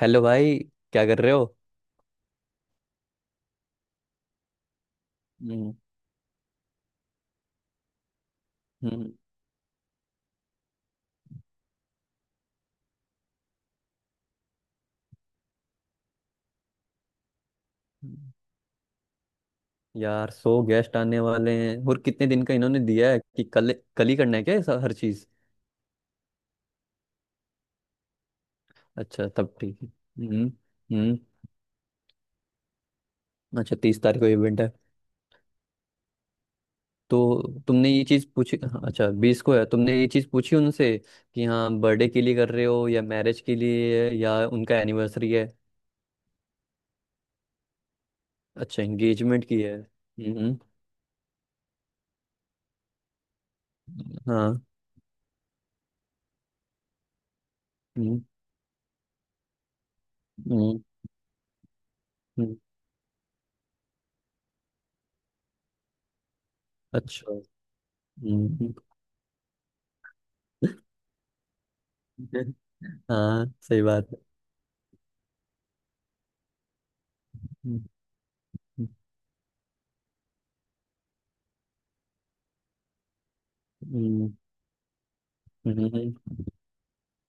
Hello भाई। क्या कर रहे हो? हम्म। हम्म। हम्म। यार, सो गेस्ट आने वाले हैं और कितने दिन का इन्होंने दिया है? कि कल कल ही करना है क्या? हर चीज? अच्छा, तब ठीक है। हम्म। हम्म। अच्छा, तीस तारीख को इवेंट है? तो तुमने ये चीज पूछी? हाँ, अच्छा, बीस को है। तुमने ये चीज पूछी उनसे कि हाँ, बर्थडे के लिए कर रहे हो या मैरिज के लिए है या उनका एनिवर्सरी है? अच्छा, एंगेजमेंट की है। हम्म। हाँ। हम्म। हम्म। हम्म। अच्छा। हम्म। हाँ, सही बात है। हम्म। हम्म। हम्म।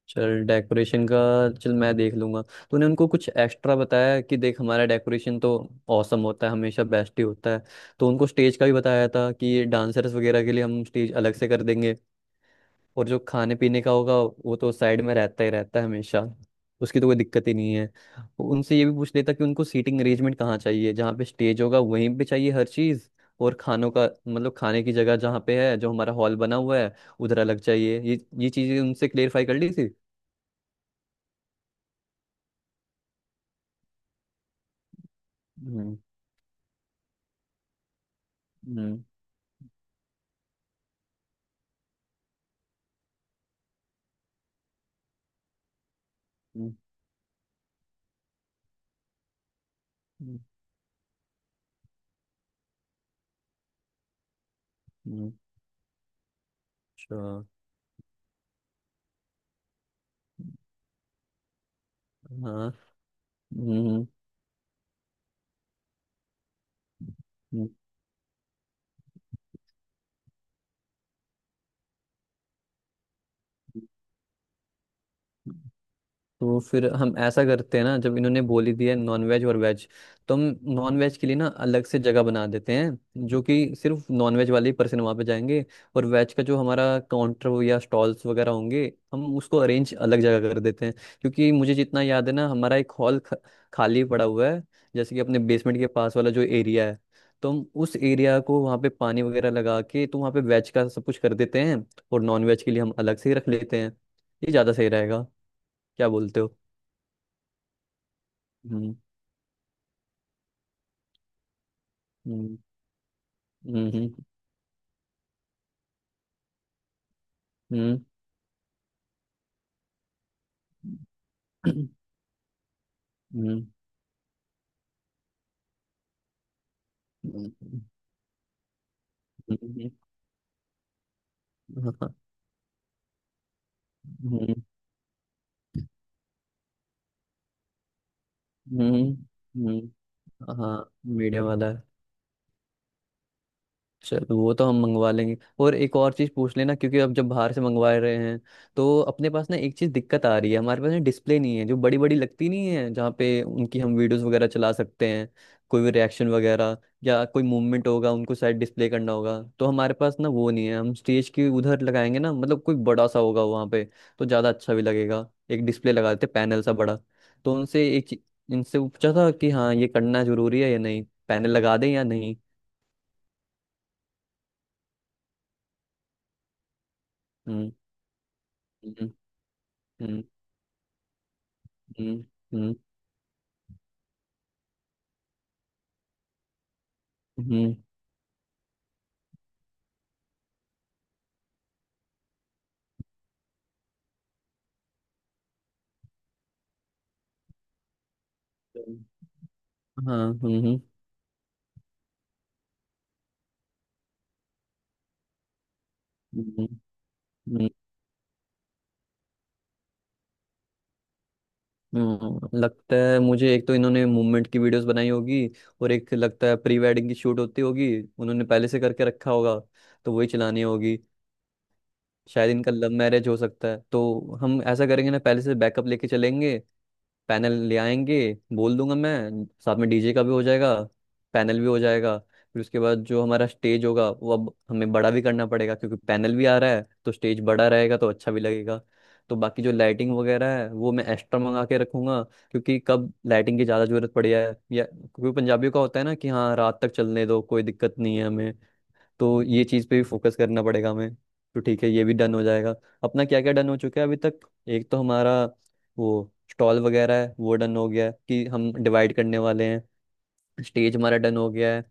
चल, डेकोरेशन का। चल, मैं देख लूंगा। तूने उनको कुछ एक्स्ट्रा बताया कि देख, हमारा डेकोरेशन तो औसम होता है, हमेशा बेस्ट ही होता है? तो उनको स्टेज का भी बताया था कि डांसर्स वगैरह के लिए हम स्टेज अलग से कर देंगे? और जो खाने पीने का होगा, वो तो साइड में रहता ही रहता है हमेशा। उसकी तो कोई दिक्कत ही नहीं है। उनसे ये भी पूछ लेता कि उनको सीटिंग अरेंजमेंट कहाँ चाहिए, जहाँ पे स्टेज होगा वहीं पे चाहिए हर चीज़? और खानों का मतलब खाने की जगह जहाँ पे है, जो हमारा हॉल बना हुआ है, उधर अलग चाहिए, ये चीज़ें उनसे क्लेरिफाई कर ली थी? हम्म। हम्म। हम्म। हम्म। हम्म। अच्छा। हाँ। हम्म। हम्म। तो फिर हम ऐसा करते हैं ना, जब इन्होंने बोली दी है नॉन वेज और वेज, तो हम नॉन वेज के लिए ना अलग से जगह बना देते हैं, जो कि सिर्फ नॉन वेज वाले ही पर्सन वहाँ पे जाएंगे। और वेज का जो हमारा काउंटर हो या स्टॉल्स वगैरह होंगे, हम उसको अरेंज अलग जगह कर देते हैं। क्योंकि मुझे जितना याद है ना, हमारा एक हॉल खाली पड़ा हुआ है। जैसे कि अपने बेसमेंट के पास वाला जो एरिया है, तो हम उस एरिया को वहाँ पे पानी वगैरह लगा के, तो वहाँ पे वेज का सब कुछ कर देते हैं, और नॉन वेज के लिए हम अलग से ही रख लेते हैं। ये ज़्यादा सही रहेगा। क्या बोलते हो? हम्म। हम्म। हम्म। हम्म। हम्म। हम्म। हाँ। हम्म। हम्म। हम्म। हाँ। मीडियम वाला है। चलो, वो तो हम मंगवा लेंगे। और एक और चीज़ पूछ लेना, क्योंकि अब जब बाहर से मंगवा रहे हैं, तो अपने पास ना एक चीज़ दिक्कत आ रही है। हमारे पास ना डिस्प्ले नहीं है जो बड़ी बड़ी लगती नहीं है, जहाँ पे उनकी हम वीडियोस वगैरह चला सकते हैं। कोई भी रिएक्शन वगैरह या कोई मूवमेंट होगा, उनको शायद डिस्प्ले करना होगा, तो हमारे पास ना वो नहीं है। हम स्टेज के उधर लगाएंगे ना, मतलब कोई बड़ा सा होगा वहाँ पे तो ज़्यादा अच्छा भी लगेगा। एक डिस्प्ले लगा देते, पैनल सा बड़ा। तो उनसे इनसे वो पूछा था कि हाँ, ये करना जरूरी है या नहीं, पैनल लगा दें या नहीं? हम्म। हम्म। हम्म। हम्म। हम्म। हम्म। हाँ। हम्म। हम्म। हम्म। हम्म। हम्म। हम्म। हम्म। हम्म। लगता है मुझे, एक तो इन्होंने मूवमेंट की वीडियोस बनाई होगी, और एक लगता है प्री वेडिंग की शूट होती होगी। उन्होंने पहले से करके रखा होगा, तो वही चलानी होगी। शायद इनका लव मैरिज हो सकता है, तो हम ऐसा करेंगे ना, पहले से बैकअप लेके चलेंगे। पैनल ले आएंगे। बोल दूंगा मैं, साथ में डीजे का भी हो जाएगा, पैनल भी हो जाएगा। फिर उसके बाद जो हमारा स्टेज होगा, वो अब हमें बड़ा भी करना पड़ेगा, क्योंकि पैनल भी आ रहा है, तो स्टेज बड़ा रहेगा तो अच्छा भी लगेगा। तो बाकी जो लाइटिंग वगैरह है, वो मैं एक्स्ट्रा मंगा के रखूंगा, क्योंकि कब लाइटिंग की ज़्यादा ज़रूरत पड़ी है, या क्योंकि पंजाबियों का होता है ना कि हाँ, रात तक चलने दो, कोई दिक्कत नहीं है हमें, तो ये चीज़ पे भी फोकस करना पड़ेगा हमें। तो ठीक है, ये भी डन हो जाएगा। अपना क्या क्या डन हो चुका है अभी तक? एक तो हमारा वो स्टॉल वगैरह है, वो डन हो गया है कि हम डिवाइड करने वाले हैं। स्टेज हमारा डन हो गया है।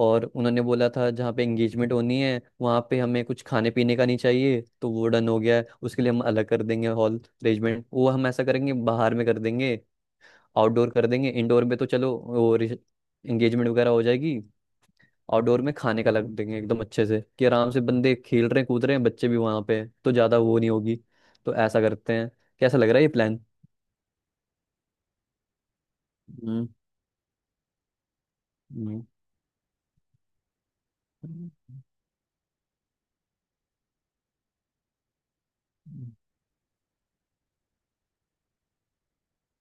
और उन्होंने बोला था जहाँ पे एंगेजमेंट होनी है वहाँ पे हमें कुछ खाने पीने का नहीं चाहिए, तो वो डन हो गया है। उसके लिए हम अलग कर देंगे, हॉल अरेंजमेंट वो हम ऐसा करेंगे, बाहर में कर देंगे। आउटडोर कर देंगे इंडोर में, तो चलो, वो एंगेजमेंट वगैरह हो जाएगी। आउटडोर में खाने का लग देंगे एकदम अच्छे से, कि आराम से बंदे खेल रहे हैं, कूद रहे हैं, बच्चे भी वहां पे हैं, तो ज्यादा वो नहीं होगी। तो ऐसा करते हैं। कैसा लग रहा है ये प्लान? हम्म। हम्म। हम्म। हम्म।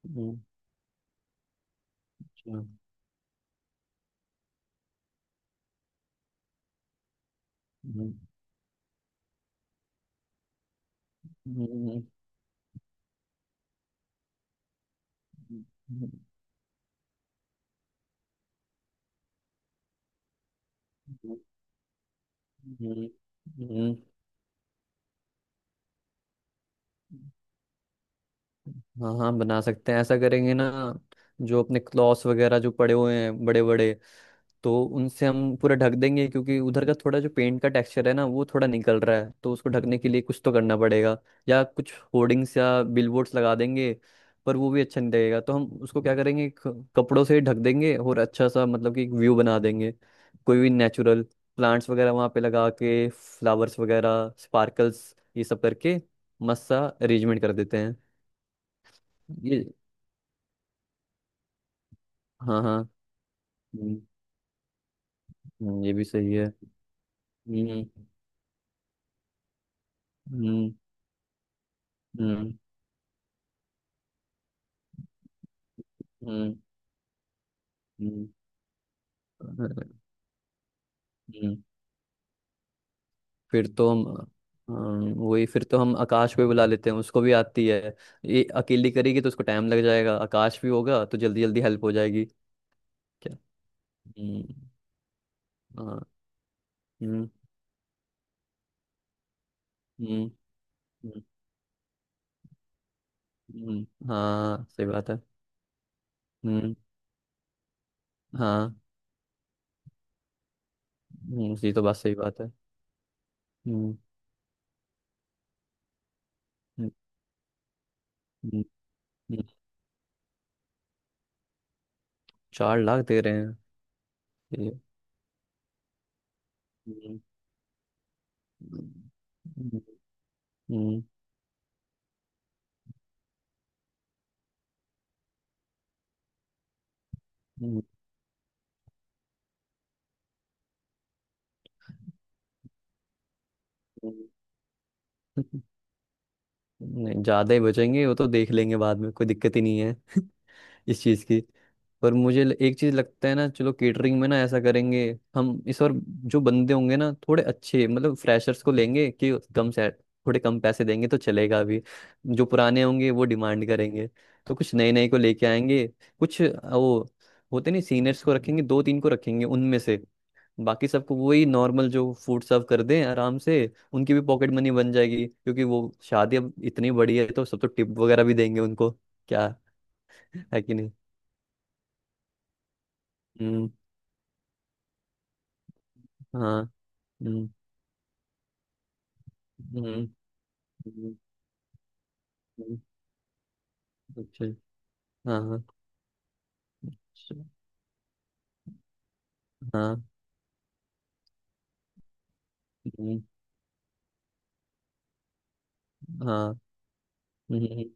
हम्म। अच्छा। हम्म। हम्म। हम्म। हम्म। हम्म। हम्म। हाँ हाँ, बना सकते हैं, ऐसा करेंगे ना। जो अपने क्लॉथ्स वगैरह जो पड़े हुए हैं बड़े बड़े, तो उनसे हम पूरा ढक देंगे। क्योंकि उधर का थोड़ा जो पेंट का टेक्सचर है ना, वो थोड़ा निकल रहा है, तो उसको ढकने के लिए कुछ तो करना पड़ेगा। या कुछ होर्डिंग्स या बिलबोर्ड्स लगा देंगे, पर वो भी अच्छा नहीं लगेगा, तो हम उसको क्या करेंगे, कपड़ों से ही ढक देंगे, और अच्छा सा, मतलब कि एक व्यू बना देंगे। कोई भी नेचुरल प्लांट्स वगैरह वहाँ पे लगा के, फ्लावर्स वगैरह, स्पार्कल्स, ये सब करके मस्त सा अरेंजमेंट कर देते हैं। ये। हाँ हाँ। हम्म। हम्म। ये भी सही है। हम्म। हम्म। हम्म। हम्म। हम्म। हम्म। फिर तो हम अम, वही फिर तो हम आकाश पे बुला लेते हैं, उसको भी आती है। ये अकेली करेगी तो उसको टाइम लग जाएगा, आकाश भी होगा तो जल्दी जल्दी हेल्प हो जाएगी। क्या? हम्म। हाँ। हम्म। हम्म। हम्म। हम्म। हाँ, सही बात है। हम्म। हाँ। हम्म। ये तो बात, सही बात है। हम्म। हम्म। हम्म। हम्म। चार लाख दे रहे हैं? ये। हम्म। हम्म। हम्म। हम्म। हम्म। नहीं, ज्यादा ही बचेंगे, वो तो देख लेंगे बाद में, कोई दिक्कत ही नहीं है इस चीज़ की। पर मुझे एक चीज़ लगता है ना, चलो केटरिंग में ना ऐसा करेंगे। हम इस बार जो बंदे होंगे ना थोड़े अच्छे, मतलब फ्रेशर्स को लेंगे, कि कम से थोड़े कम पैसे देंगे तो चलेगा अभी। जो पुराने होंगे वो डिमांड करेंगे, तो कुछ नए नए को लेके आएंगे। कुछ वो होते नहीं, सीनियर्स को रखेंगे, दो तीन को रखेंगे उनमें से। बाकी सबको वही नॉर्मल जो फूड सर्व कर दें आराम से। उनकी भी पॉकेट मनी बन जाएगी, क्योंकि वो शादी अब इतनी बड़ी है तो सब तो टिप वगैरह भी देंगे उनको। क्या, है कि नहीं? हम्म। हाँ। हम्म। हम्म। हम्म। हम्म। अच्छा। हाँ हाँ। अच्छा। हाँ। हम्म। हाँ। हम्म।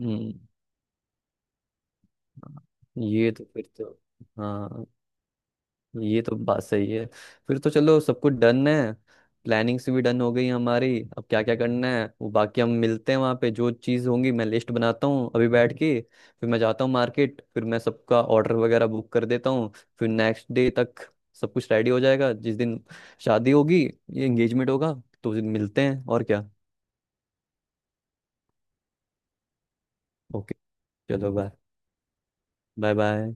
हम्म। हाँ। ये तो फिर तो हाँ, ये तो बात सही है। फिर तो चलो, सब कुछ डन है। प्लानिंग्स भी डन हो गई हमारी। अब क्या क्या करना है वो बाकी हम मिलते हैं वहाँ पे। जो चीज़ होंगी मैं लिस्ट बनाता हूँ अभी बैठ के, फिर मैं जाता हूँ मार्केट, फिर मैं सबका ऑर्डर वगैरह बुक कर देता हूँ, फिर नेक्स्ट डे तक सब कुछ रेडी हो जाएगा, जिस दिन शादी होगी, ये एंगेजमेंट होगा, तो उस दिन मिलते हैं और क्या। ओके। चलो, बाय। Bye bye.